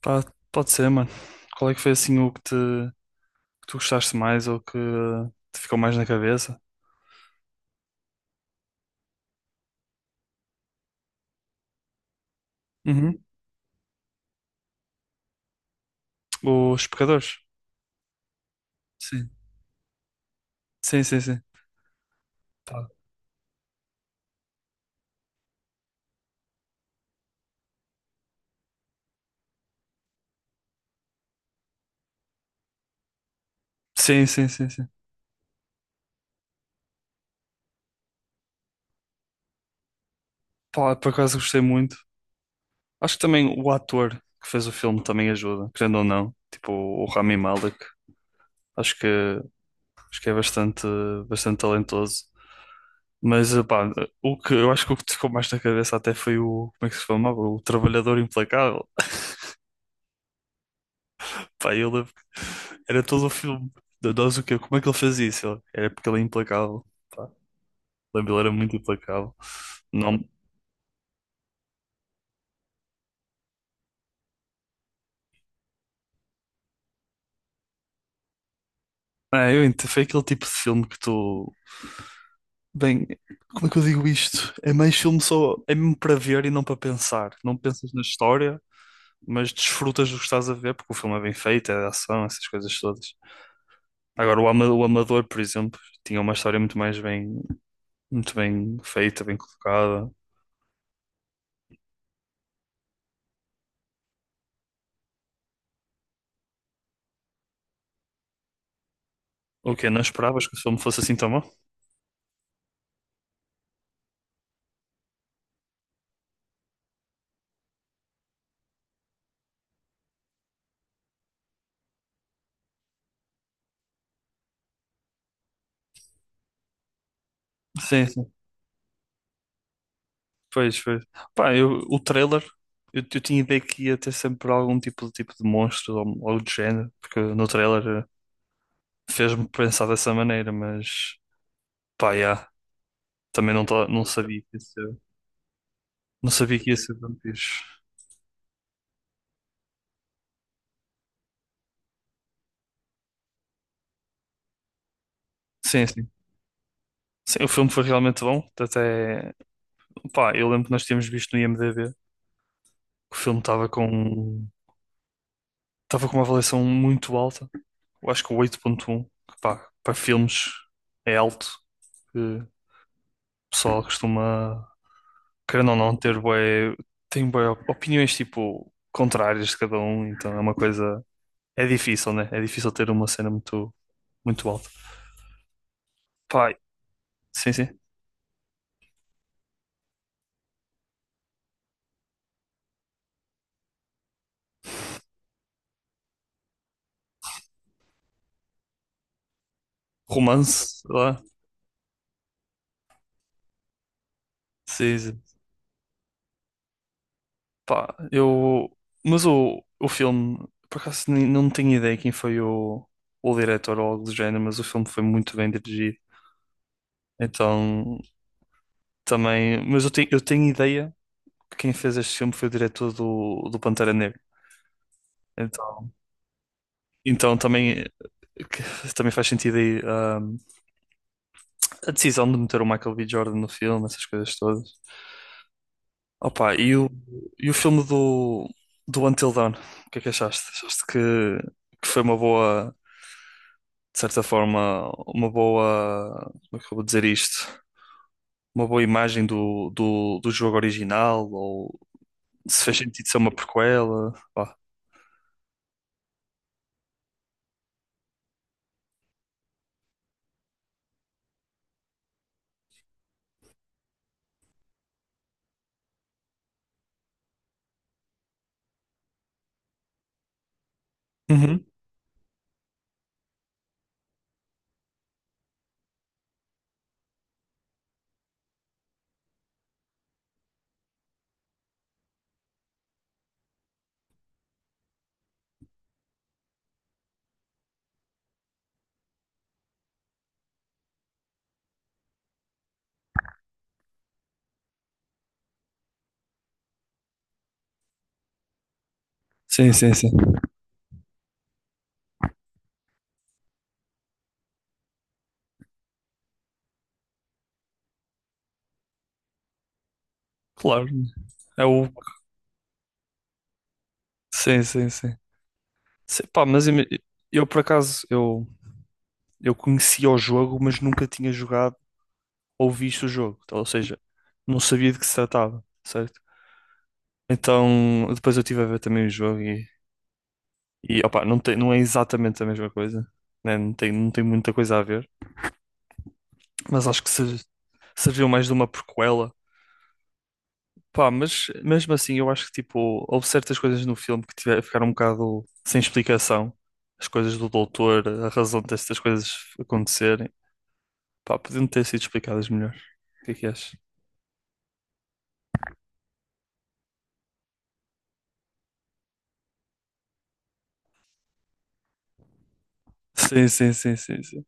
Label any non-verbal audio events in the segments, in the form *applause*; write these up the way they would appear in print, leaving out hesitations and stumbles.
Pá, pode ser, mano. Qual é que foi assim que tu gostaste mais ou que te ficou mais na cabeça? Uhum. Os Pecadores. Sim. Sim, sim, sim. Sim, sim, sim, sim. Pá, por acaso gostei muito. Acho que também o ator que fez o filme também ajuda, querendo ou não. Tipo, o Rami Malek. Acho que, acho que é bastante talentoso. Mas, pá, eu acho que o que te ficou mais na cabeça até foi o, como é que se chamava? O Trabalhador Implacável. Pá, eu lembro que era todo o filme da Dose o quê? Como é que ele fazia isso? Era porque ele é implacável. Pá, lembro, ele era muito implacável. Não, é, eu entendo, foi aquele tipo de filme que tu. Bem, como é que eu digo isto? É mais filme só. É mesmo para ver e não para pensar. Não pensas na história, mas desfrutas do que estás a ver, porque o filme é bem feito, é de ação, essas coisas todas. Agora, o Amador, por exemplo, tinha uma história muito bem feita, bem colocada. O quê? Não esperavas que o filme fosse assim tão bom? Sim, sim. Pois, foi. Pá, o trailer, eu tinha ideia que ia ter sempre algum tipo de monstro ou algo do género, porque no trailer fez-me pensar dessa maneira, mas pá, yeah, também não, não sabia que ia ser, não sabia que ia ser vampiros. Sim, sim. Sim, o filme foi realmente bom. Até, pá, eu lembro que nós tínhamos visto no IMDb que o filme estava com uma avaliação muito alta. Eu acho que o 8,1, que pá, para filmes é alto, que o pessoal costuma querendo ou não, tem bué opiniões tipo contrárias de cada um, então é uma coisa. É difícil, né? É difícil ter uma cena muito, muito alta. Pá, sim, sim. Romance, sei lá. Sim, sim. Pá, eu. Mas o filme, por acaso não tenho ideia quem foi o diretor ou algo do género, mas o filme foi muito bem dirigido. Então, também. Mas eu tenho ideia que quem fez este filme foi o diretor do Pantera Negra. Então, então também. Que *laughs* também faz sentido aí a decisão de meter o Michael B. Jordan no filme, essas coisas todas. Opa, e o filme do Until Dawn, o que é que achaste? Achaste que foi uma boa, de certa forma, uma boa, como é que eu vou dizer isto? Uma boa imagem do jogo original, ou se fez sentido ser uma prequela? Pá. Uhum. Sim, sim, sim. Claro, é o. Sim, sim, sim. Sim, pá, mas eu por acaso, eu conhecia o jogo, mas nunca tinha jogado ou visto o jogo. Então, ou seja, não sabia de que se tratava, certo? Então, depois eu estive a ver também o jogo e, opa, não é exatamente a mesma coisa, né? Não tem muita coisa a ver, mas acho que serviu mais de uma prequela. Pá, mas mesmo assim, eu acho que tipo, houve certas coisas no filme ficaram um bocado sem explicação. As coisas do doutor, a razão destas coisas acontecerem, pá, podiam ter sido explicadas melhor. O que é que achas? Sim, sim, sim, sim, sim.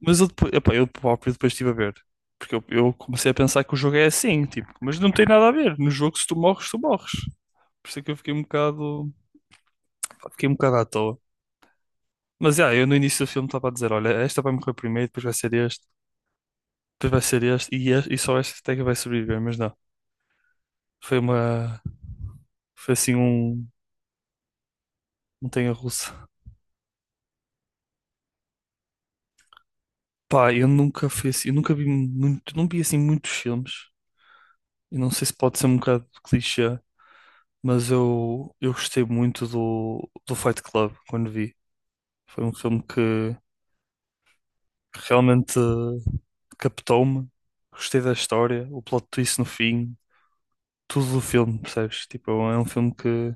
Mas eu, depois, epá, eu próprio depois estive a ver. Porque eu comecei a pensar que o jogo é assim, tipo, mas não tem nada a ver. No jogo, se tu morres, tu morres. Por isso é que eu fiquei um bocado à toa. Mas já, eu no início do filme estava a dizer: olha, esta vai morrer primeiro, depois vai ser este, depois vai ser este, e, este, e só esta até que vai sobreviver. Mas não, foi uma. Foi assim um. Montanha russa. Pá, eu nunca fui assim, eu nunca vi muito, não vi assim muitos filmes. E não sei se pode ser um bocado clichê, mas eu gostei muito do Fight Club quando vi. Foi um filme que realmente captou-me. Gostei da história, o plot twist no fim, tudo do filme, percebes? Tipo, é um filme que,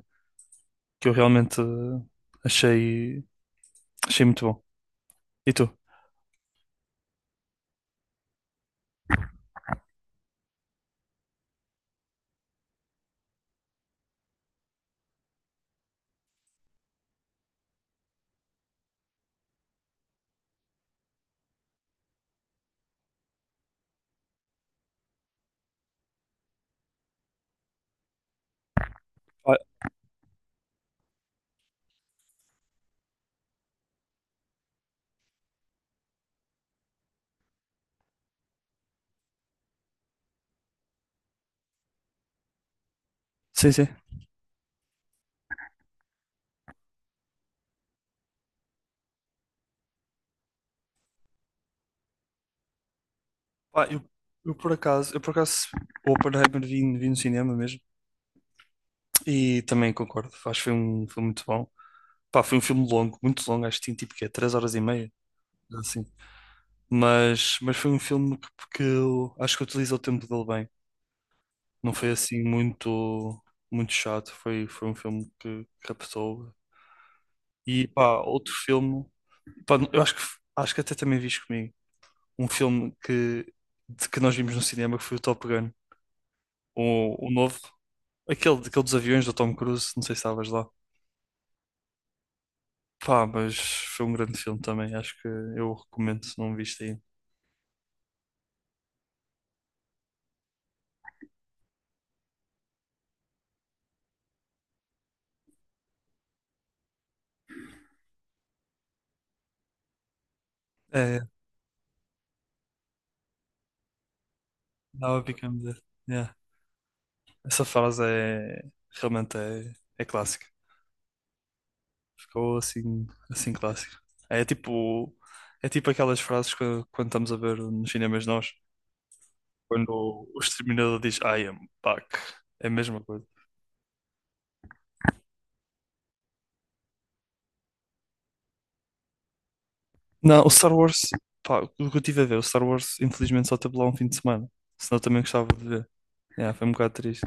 que eu realmente achei, achei muito bom. E tu? Olha, sim, sim. Pá, eu por acaso, o Oppenheimer vi no cinema mesmo. E também concordo, acho que foi um filme muito bom. Pá, foi um filme longo, muito longo, acho que tinha tipo que é 3 horas e meia assim. Mas foi um filme que eu acho que utiliza o tempo dele bem. Não foi assim muito, muito chato. Foi um filme que captou. E pá, outro filme. Pá, eu acho que, até também viste comigo. Um filme que nós vimos no cinema que foi o Top Gun. O novo. Aquele dos aviões do Tom Cruise. Não sei se estavas lá. Pá, mas foi um grande filme também. Acho que eu o recomendo se não viste aí. É, Now I Become Dead. Essa frase é realmente, é clássica. Ficou assim, assim clássica. É tipo, é tipo aquelas frases que quando estamos a ver nos cinemas nós, quando o exterminador diz I am back. É a mesma coisa. Não, o Star Wars, pá, o que eu tive a ver, o Star Wars infelizmente só teve lá um fim de semana. Senão eu também gostava de ver. É, foi um bocado triste.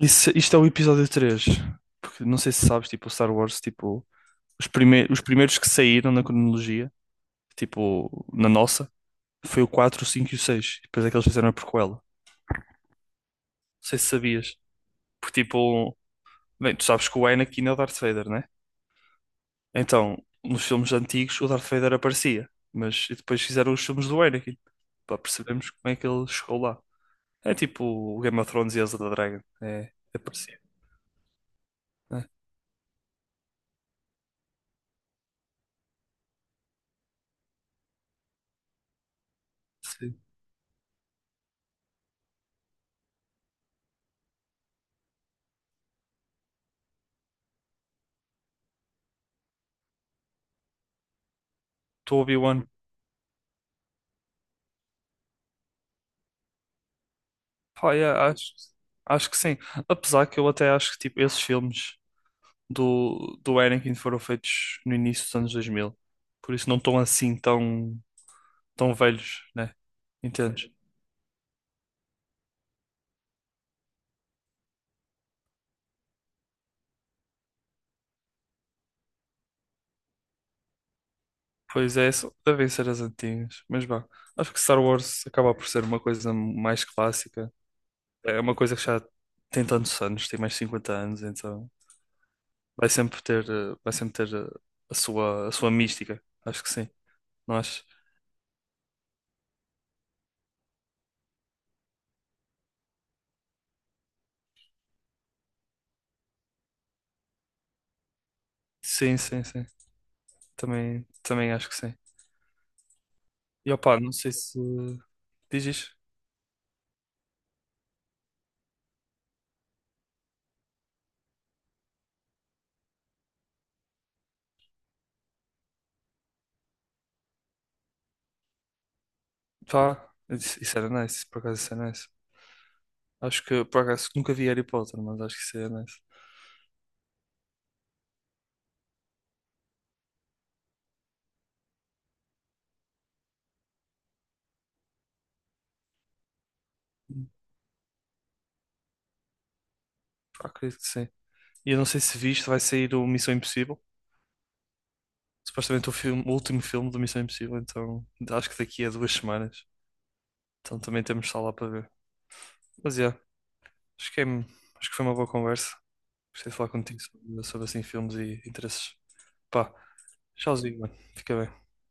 Isso, Isto é o episódio 3. Porque não sei se sabes, tipo, o Star Wars, tipo, os primeiros que saíram na cronologia, tipo, na nossa. Foi o 4, o 5 e o 6. Depois é que eles fizeram a prequela. Não sei se sabias. Porque tipo, bem, tu sabes que o Anakin é o Darth Vader, né? Então, nos filmes antigos o Darth Vader aparecia, mas e depois fizeram os filmes do Anakin para percebermos como é que ele chegou lá. É tipo o Game of Thrones e House of the Dragon. É parecido, né? Sim. Do Obi-Wan. Pá, é, acho que sim. Apesar que eu até acho que tipo, esses filmes do Anakin foram feitos no início dos anos 2000. Por isso não estão assim tão tão velhos, né? Entendes? Pois é, devem ser as antigas. Mas vá, acho que Star Wars acaba por ser uma coisa mais clássica. É uma coisa que já tem tantos anos, tem mais de 50 anos, então vai sempre ter a sua mística. Acho que sim. Não acho? Sim, sim, sim. Também acho que sim. E opá, não sei se diz isto. Pá, isso era nice, por acaso isso era nice. Acho que por acaso nunca vi Harry Potter, mas acho que isso era nice. Pá, acredito que sim. E eu não sei se viste, vai sair o Missão Impossível. Supostamente o filme, o último filme do Missão Impossível, então acho que daqui a 2 semanas. Então também temos sala para ver. Mas yeah, acho que foi uma boa conversa. Gostei de falar contigo sobre assim filmes e interesses. Pá, tchauzinho, mano. Fica bem.